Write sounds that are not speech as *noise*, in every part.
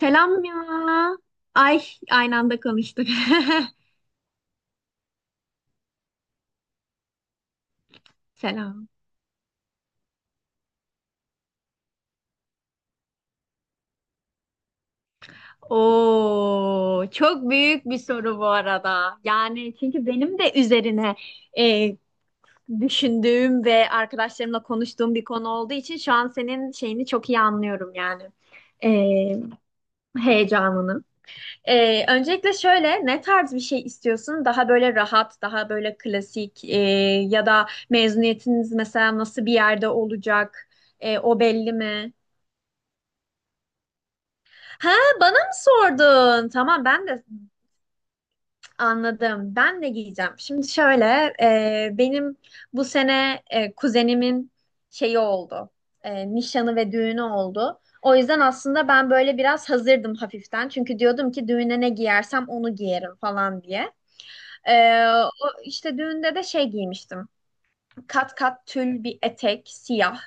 Selam ya. Ay aynı anda konuştuk. *laughs* Selam. Oo, çok büyük bir soru bu arada. Yani çünkü benim de üzerine e, düşündüğüm ve arkadaşlarımla konuştuğum bir konu olduğu için şu an senin şeyini çok iyi anlıyorum yani. E, Heyecanını. Öncelikle şöyle ne tarz bir şey istiyorsun? Daha böyle rahat, daha böyle klasik ya da mezuniyetiniz mesela nasıl bir yerde olacak? O belli mi? Ha, bana mı sordun? Tamam, ben de anladım. Ben de giyeceğim. Şimdi şöyle, benim bu sene kuzenimin şeyi oldu. Nişanı ve düğünü oldu. O yüzden aslında ben böyle biraz hazırdım hafiften. Çünkü diyordum ki düğüne ne giyersem onu giyerim falan diye. E, O işte düğünde de şey giymiştim. Kat kat tül bir etek, siyah.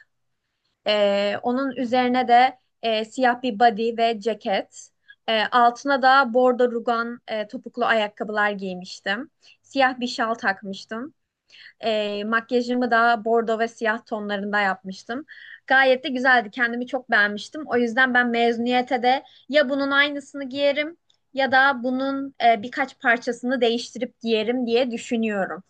Onun üzerine de siyah bir body ve ceket. Altına da bordo rugan topuklu ayakkabılar giymiştim. Siyah bir şal takmıştım. Makyajımı da bordo ve siyah tonlarında yapmıştım. Gayet de güzeldi. Kendimi çok beğenmiştim. O yüzden ben mezuniyete de ya bunun aynısını giyerim ya da bunun birkaç parçasını değiştirip giyerim diye düşünüyorum.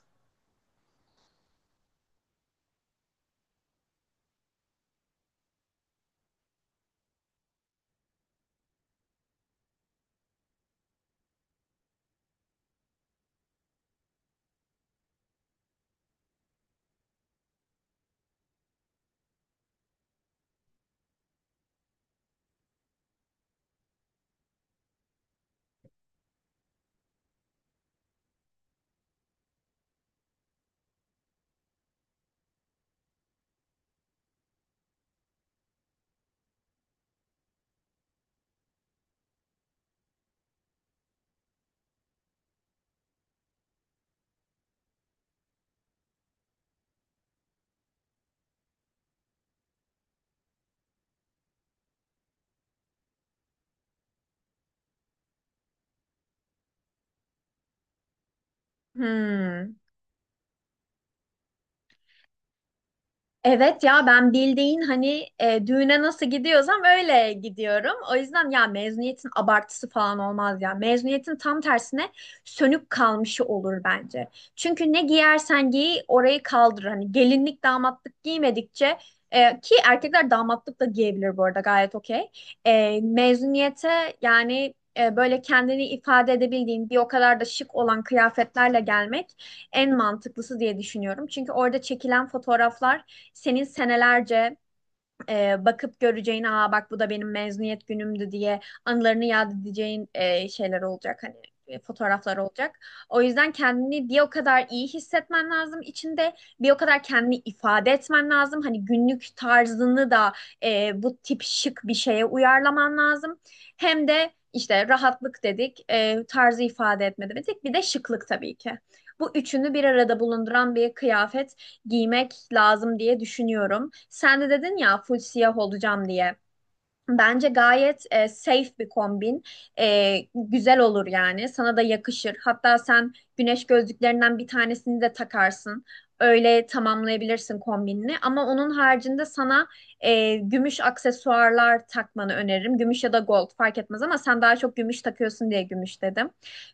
Hmm. Evet ya, ben bildiğin hani düğüne nasıl gidiyorsam öyle gidiyorum. O yüzden ya mezuniyetin abartısı falan olmaz ya. Mezuniyetin tam tersine sönük kalmışı olur bence. Çünkü ne giyersen giy orayı kaldır. Hani gelinlik damatlık giymedikçe, ki erkekler damatlık da giyebilir bu arada, gayet okey. Mezuniyete yani böyle kendini ifade edebildiğin bir o kadar da şık olan kıyafetlerle gelmek en mantıklısı diye düşünüyorum. Çünkü orada çekilen fotoğraflar senin senelerce bakıp göreceğin, aa bak bu da benim mezuniyet günümdü diye anılarını yad edeceğin şeyler olacak, hani fotoğraflar olacak. O yüzden kendini bir o kadar iyi hissetmen lazım içinde, bir o kadar kendini ifade etmen lazım. Hani günlük tarzını da bu tip şık bir şeye uyarlaman lazım. Hem de işte rahatlık dedik, tarzı ifade etme dedik, bir de şıklık tabii ki. Bu üçünü bir arada bulunduran bir kıyafet giymek lazım diye düşünüyorum. Sen de dedin ya full siyah olacağım diye. Bence gayet safe bir kombin. Güzel olur yani. Sana da yakışır. Hatta sen güneş gözlüklerinden bir tanesini de takarsın. Öyle tamamlayabilirsin kombinini. Ama onun haricinde sana gümüş aksesuarlar takmanı öneririm. Gümüş ya da gold fark etmez ama sen daha çok gümüş takıyorsun diye gümüş dedim.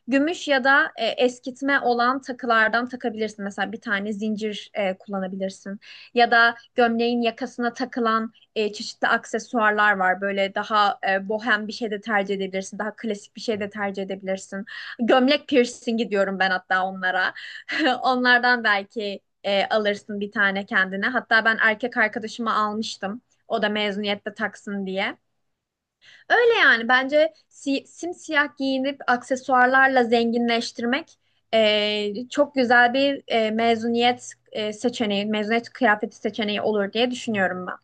Gümüş ya da eskitme olan takılardan takabilirsin. Mesela bir tane zincir kullanabilirsin. Ya da gömleğin yakasına takılan çeşitli aksesuarlar var. Böyle daha bohem bir şey de tercih edebilirsin. Daha klasik bir şey de tercih edebilirsin. Gömlek piercingi diyorum ben hatta onlara. *laughs* Onlardan belki alırsın bir tane kendine. Hatta ben erkek arkadaşıma almıştım. O da mezuniyette taksın diye. Öyle yani bence simsiyah giyinip aksesuarlarla zenginleştirmek çok güzel bir mezuniyet seçeneği, mezuniyet kıyafeti seçeneği olur diye düşünüyorum ben.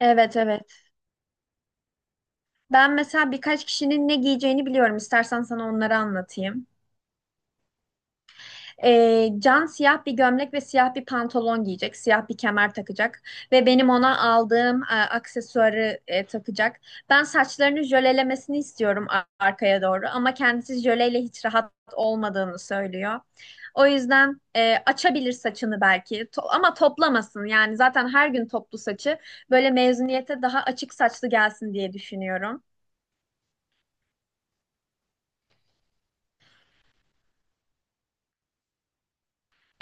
Evet, evet. Ben mesela birkaç kişinin ne giyeceğini biliyorum. İstersen sana onları anlatayım. Can siyah bir gömlek ve siyah bir pantolon giyecek. Siyah bir kemer takacak. Ve benim ona aldığım aksesuarı takacak. Ben saçlarını jölelemesini istiyorum arkaya doğru. Ama kendisi jöleyle hiç rahat olmadığını söylüyor. O yüzden açabilir saçını belki. Ama toplamasın. Yani zaten her gün toplu saçı. Böyle mezuniyete daha açık saçlı gelsin diye düşünüyorum.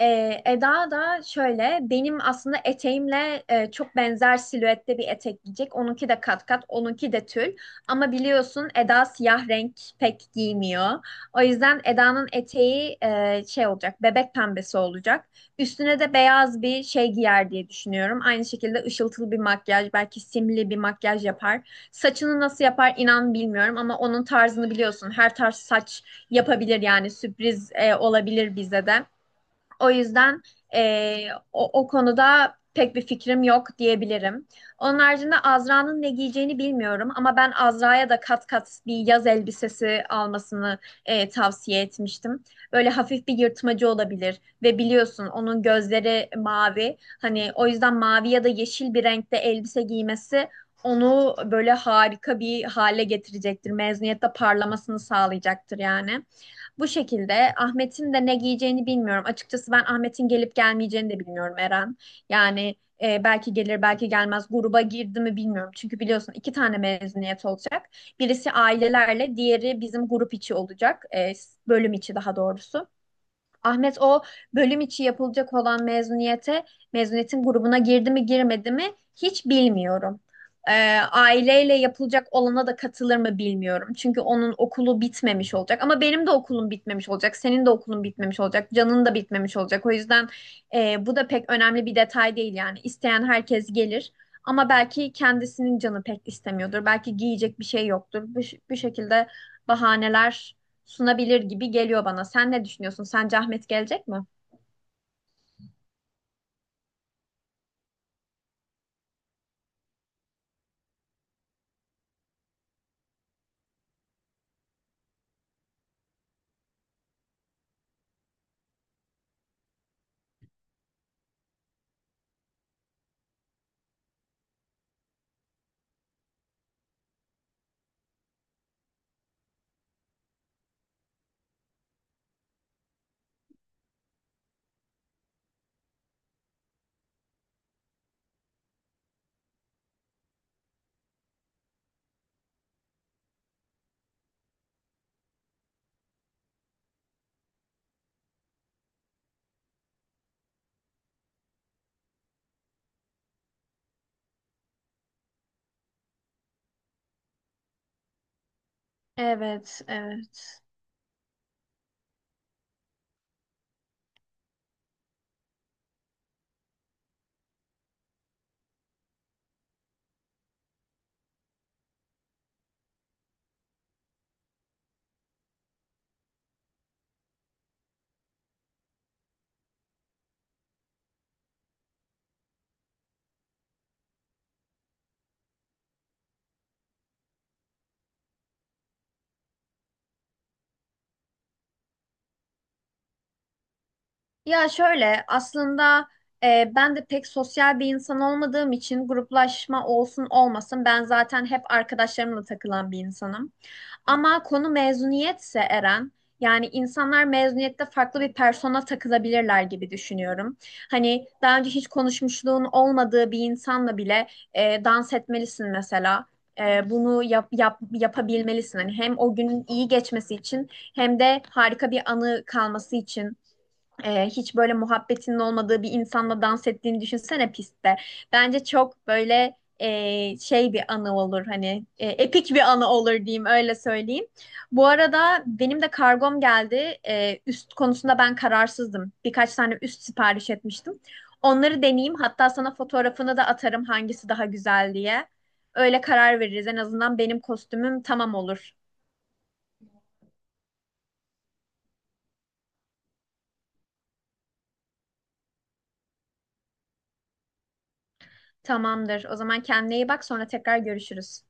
Eda da şöyle benim aslında eteğimle çok benzer silüette bir etek giyecek. Onunki de kat kat, onunki de tül. Ama biliyorsun Eda siyah renk pek giymiyor. O yüzden Eda'nın eteği, şey olacak, bebek pembesi olacak. Üstüne de beyaz bir şey giyer diye düşünüyorum. Aynı şekilde ışıltılı bir makyaj, belki simli bir makyaj yapar. Saçını nasıl yapar inan bilmiyorum ama onun tarzını biliyorsun. Her tarz saç yapabilir yani sürpriz olabilir bize de. O yüzden o konuda pek bir fikrim yok diyebilirim. Onun haricinde Azra'nın ne giyeceğini bilmiyorum ama ben Azra'ya da kat kat bir yaz elbisesi almasını tavsiye etmiştim. Böyle hafif bir yırtmacı olabilir ve biliyorsun onun gözleri mavi. Hani o yüzden mavi ya da yeşil bir renkte elbise giymesi onu böyle harika bir hale getirecektir. Mezuniyette parlamasını sağlayacaktır yani. Bu şekilde Ahmet'in de ne giyeceğini bilmiyorum. Açıkçası ben Ahmet'in gelip gelmeyeceğini de bilmiyorum Eren. Yani belki gelir belki gelmez, gruba girdi mi bilmiyorum. Çünkü biliyorsun iki tane mezuniyet olacak. Birisi ailelerle, diğeri bizim grup içi olacak. Bölüm içi daha doğrusu. Ahmet o bölüm içi yapılacak olan mezuniyete, mezuniyetin grubuna girdi mi girmedi mi hiç bilmiyorum. Aileyle yapılacak olana da katılır mı bilmiyorum. Çünkü onun okulu bitmemiş olacak. Ama benim de okulum bitmemiş olacak. Senin de okulun bitmemiş olacak. Can'ın da bitmemiş olacak. O yüzden bu da pek önemli bir detay değil yani. İsteyen herkes gelir. Ama belki kendisinin canı pek istemiyordur. Belki giyecek bir şey yoktur. Bu şekilde bahaneler sunabilir gibi geliyor bana. Sen ne düşünüyorsun? Sence Ahmet gelecek mi? Evet, evet. Ya şöyle aslında ben de pek sosyal bir insan olmadığım için gruplaşma olsun olmasın ben zaten hep arkadaşlarımla takılan bir insanım. Ama konu mezuniyetse Eren, yani insanlar mezuniyette farklı bir persona takılabilirler gibi düşünüyorum. Hani daha önce hiç konuşmuşluğun olmadığı bir insanla bile dans etmelisin mesela. Bunu yap, yapabilmelisin. Hani hem o günün iyi geçmesi için hem de harika bir anı kalması için. Hiç böyle muhabbetinin olmadığı bir insanla dans ettiğini düşünsene pistte. Bence çok böyle şey bir anı olur, hani epik bir anı olur diyeyim öyle söyleyeyim. Bu arada benim de kargom geldi. Üst konusunda ben kararsızdım. Birkaç tane üst sipariş etmiştim. Onları deneyeyim. Hatta sana fotoğrafını da atarım hangisi daha güzel diye. Öyle karar veririz. En azından benim kostümüm tamam olur. Tamamdır. O zaman kendine iyi bak, sonra tekrar görüşürüz.